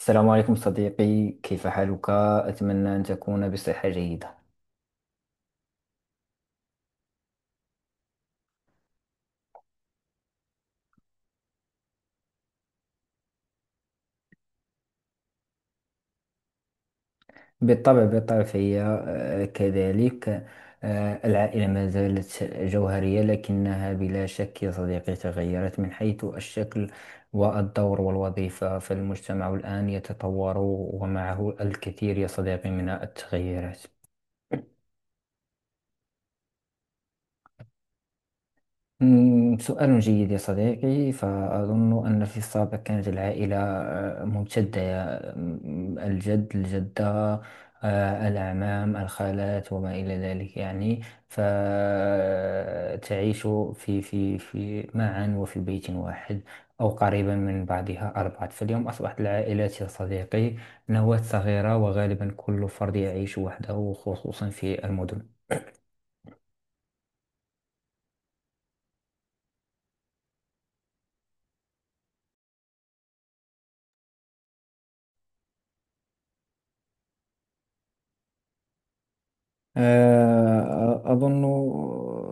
السلام عليكم صديقي، كيف حالك؟ أتمنى أن تكون بصحة جيدة. بالطبع بالطبع فهي كذلك. العائلة ما زالت جوهرية، لكنها بلا شك يا صديقي تغيرت من حيث الشكل والدور والوظيفة. فالمجتمع الآن يتطور ومعه الكثير يا صديقي من التغيرات. سؤال جيد يا صديقي. فأظن أن في السابق كانت العائلة ممتدة، الجد، الجدة، الأعمام، الخالات، وما إلى ذلك، يعني. فتعيش في معا وفي بيت واحد، أو قريبا من بعضها أربعة. فاليوم أصبحت العائلات يا صديقي نواة صغيرة، وغالبا كل فرد يعيش وحده خصوصا في المدن. أظن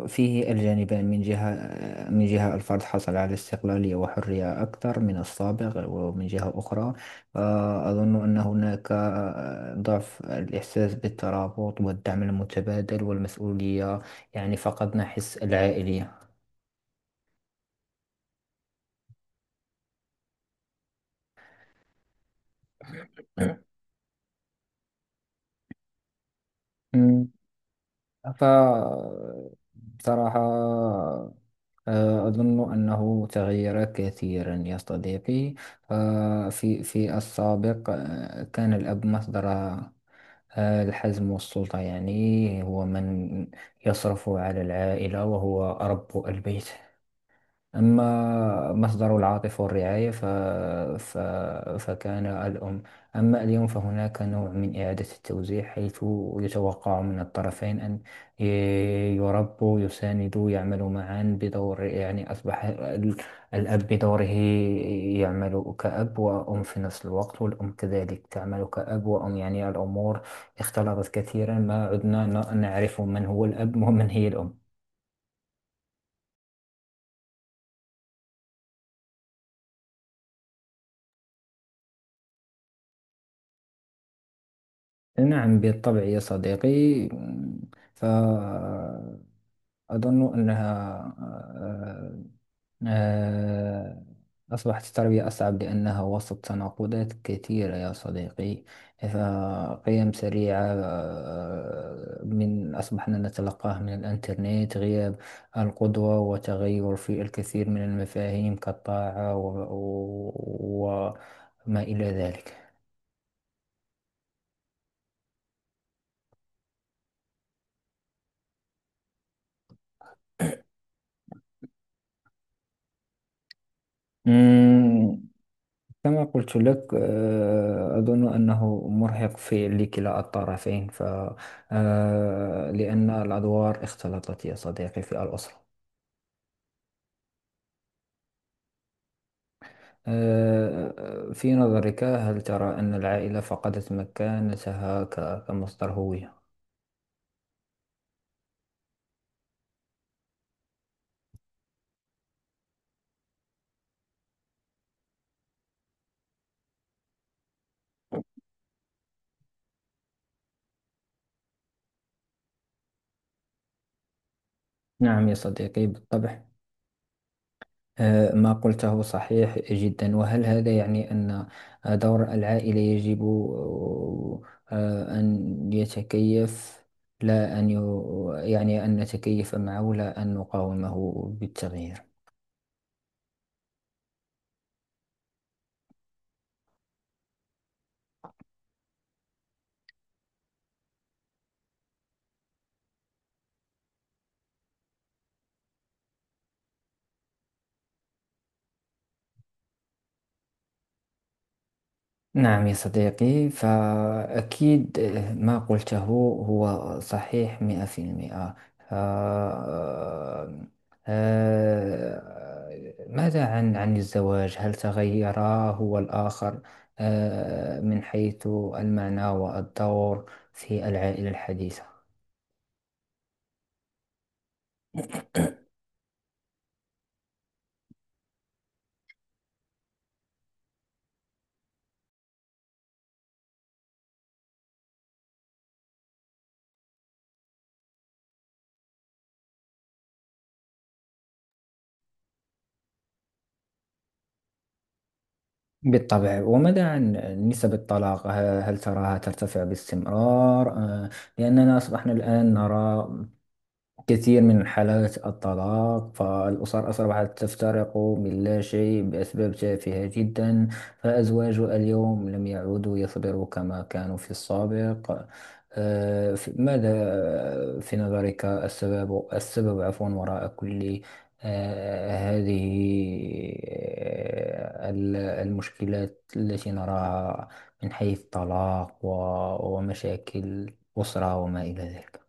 فيه الجانبان، من جهة الفرد حصل على استقلالية وحرية أكثر من السابق، ومن جهة أخرى أظن أن هناك ضعف الإحساس بالترابط والدعم المتبادل والمسؤولية. يعني فقدنا حس العائلية. مم. ف بصراحة، أظن أنه تغير كثيرا يا صديقي. ففي في في السابق كان الأب مصدر الحزم والسلطة، يعني هو من يصرف على العائلة وهو رب البيت. أما مصدر العاطفة والرعاية ف... فكان الأم. أما اليوم فهناك نوع من إعادة التوزيع، حيث يتوقع من الطرفين أن ي- يربوا، يساندوا، يعملوا معا بدور. يعني أصبح الأب بدوره يعمل كأب وأم في نفس الوقت، والأم كذلك تعمل كأب وأم. يعني الأمور اختلطت كثيرا، ما عدنا نعرف من هو الأب ومن هي الأم. نعم بالطبع يا صديقي. فأظن أنها آه، آه، أصبحت التربية أصعب لأنها وسط تناقضات كثيرة يا صديقي. فقيم سريعة من أصبحنا نتلقاها من الإنترنت، غياب القدوة، وتغير في الكثير من المفاهيم كالطاعة وما إلى ذلك. كما قلت لك، أظن أنه مرهق في لكلا الطرفين. ف آه، لأن الأدوار اختلطت يا صديقي في الأسرة. في نظرك، هل ترى أن العائلة فقدت مكانتها كمصدر هوية؟ نعم يا صديقي بالطبع. ما قلته صحيح جدا. وهل هذا يعني أن دور العائلة يجب أن يتكيف، لا أن يعني، أن نتكيف معه لا أن نقاومه بالتغيير. نعم يا صديقي، فأكيد ما قلته هو صحيح 100%. ف- آه، آه، ماذا عن الزواج، هل تغير هو الآخر من حيث المعنى والدور في العائلة الحديثة؟ بالطبع. وماذا عن نسب الطلاق، هل تراها ترتفع باستمرار لأننا أصبحنا الآن نرى كثير من حالات الطلاق، فالأسر أصبحت تفترق من لا شيء بأسباب تافهة جدا. فأزواج اليوم لم يعودوا يصبروا كما كانوا في السابق. آه، ف- ماذا آه، في نظرك، السبب، عفوا، وراء كل هذه المشكلات التي نراها من حيث الطلاق ومشاكل الأسرة وما إلى ذلك.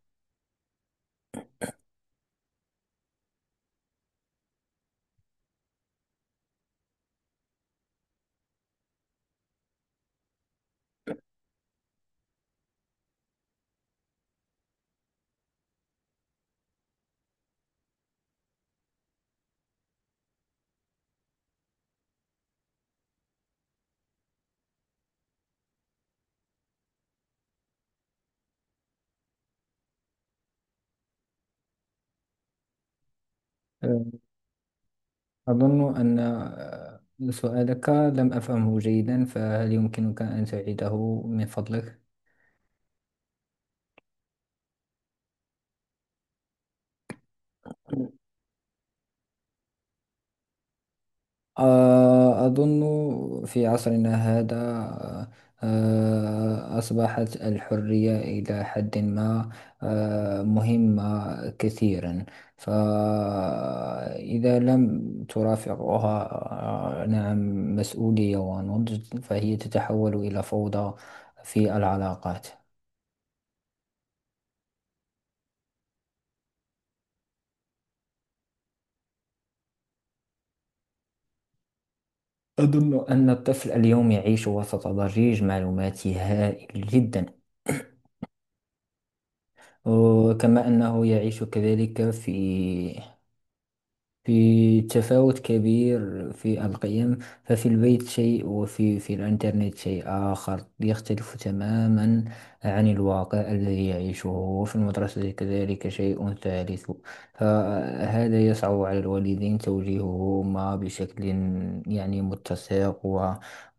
أظن أن سؤالك لم أفهمه جيدا، فهل يمكنك أن تعيده من فضلك؟ أظن في عصرنا هذا أصبحت الحرية إلى حد ما مهمة كثيرا، فإذا لم ترافقها نعم، مسؤولية ونضج، فهي تتحول إلى فوضى في العلاقات. أظن أن الطفل اليوم يعيش وسط ضجيج معلوماتي هائل جدا. وكما أنه يعيش كذلك في تفاوت كبير في القيم. ففي البيت شيء، وفي الإنترنت شيء آخر يختلف تماما عن الواقع الذي يعيشه. وفي المدرسة كذلك شيء ثالث. فهذا يصعب على الوالدين توجيههما بشكل يعني متسق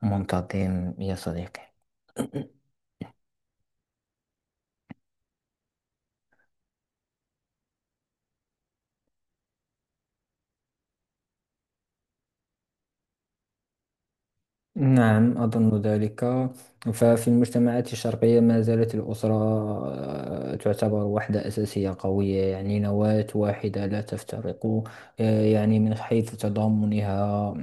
ومنتظم يا صديقي. نعم أظن ذلك. ففي المجتمعات الشرقية ما زالت الأسرة تعتبر وحدة أساسية قوية، يعني نواة واحدة لا تفترق، يعني من حيث تضامنها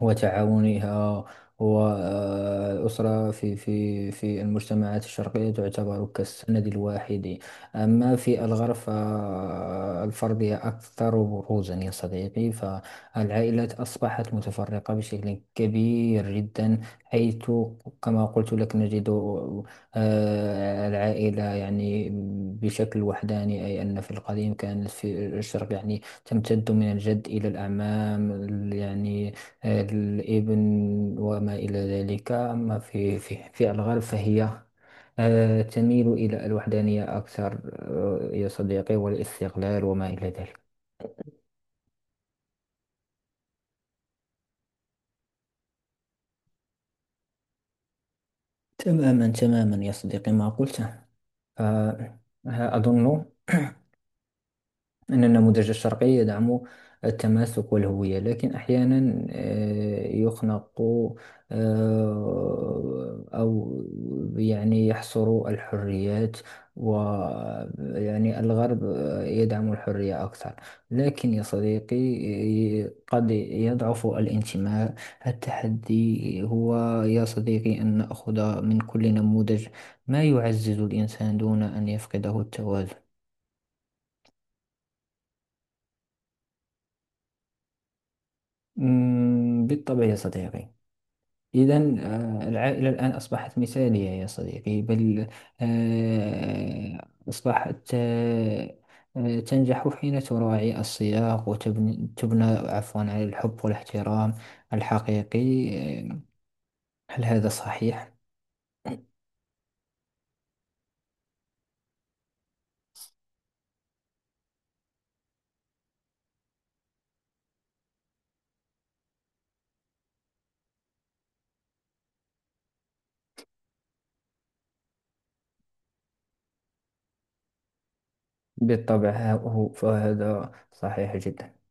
وتعاونها. والأسرة في المجتمعات الشرقية تعتبر كالسند الواحد. أما في الغرب فالفردية أكثر بروزا يا صديقي، فالعائلات أصبحت متفرقة بشكل كبير جدا، حيث كما قلت لك نجد العائلة يعني بشكل وحداني. أي أن في القديم كانت في الشرق يعني تمتد من الجد إلى الأعمام، يعني الابن وما إلى ذلك. أما في الغرب فهي تميل إلى الوحدانية أكثر، يا صديقي، والاستقلال وما إلى ذلك. تماما تماما يا صديقي ما قلته. آه، أظن أن النموذج الشرقي يدعم التماسك والهوية، لكن أحيانا يخنق أو يعني يحصر الحريات. ويعني الغرب يدعم الحرية أكثر، لكن يا صديقي قد يضعف الانتماء. التحدي هو يا صديقي أن نأخذ من كل نموذج ما يعزز الإنسان دون أن يفقده التوازن. بالطبع يا صديقي. إذا، العائلة الآن أصبحت مثالية يا صديقي، بل أصبحت تنجح حين تراعي السياق، وتبني تبنى عفوا على الحب والاحترام الحقيقي. آه، هل هذا صحيح؟ بالطبع. فهذا صحيح جدا.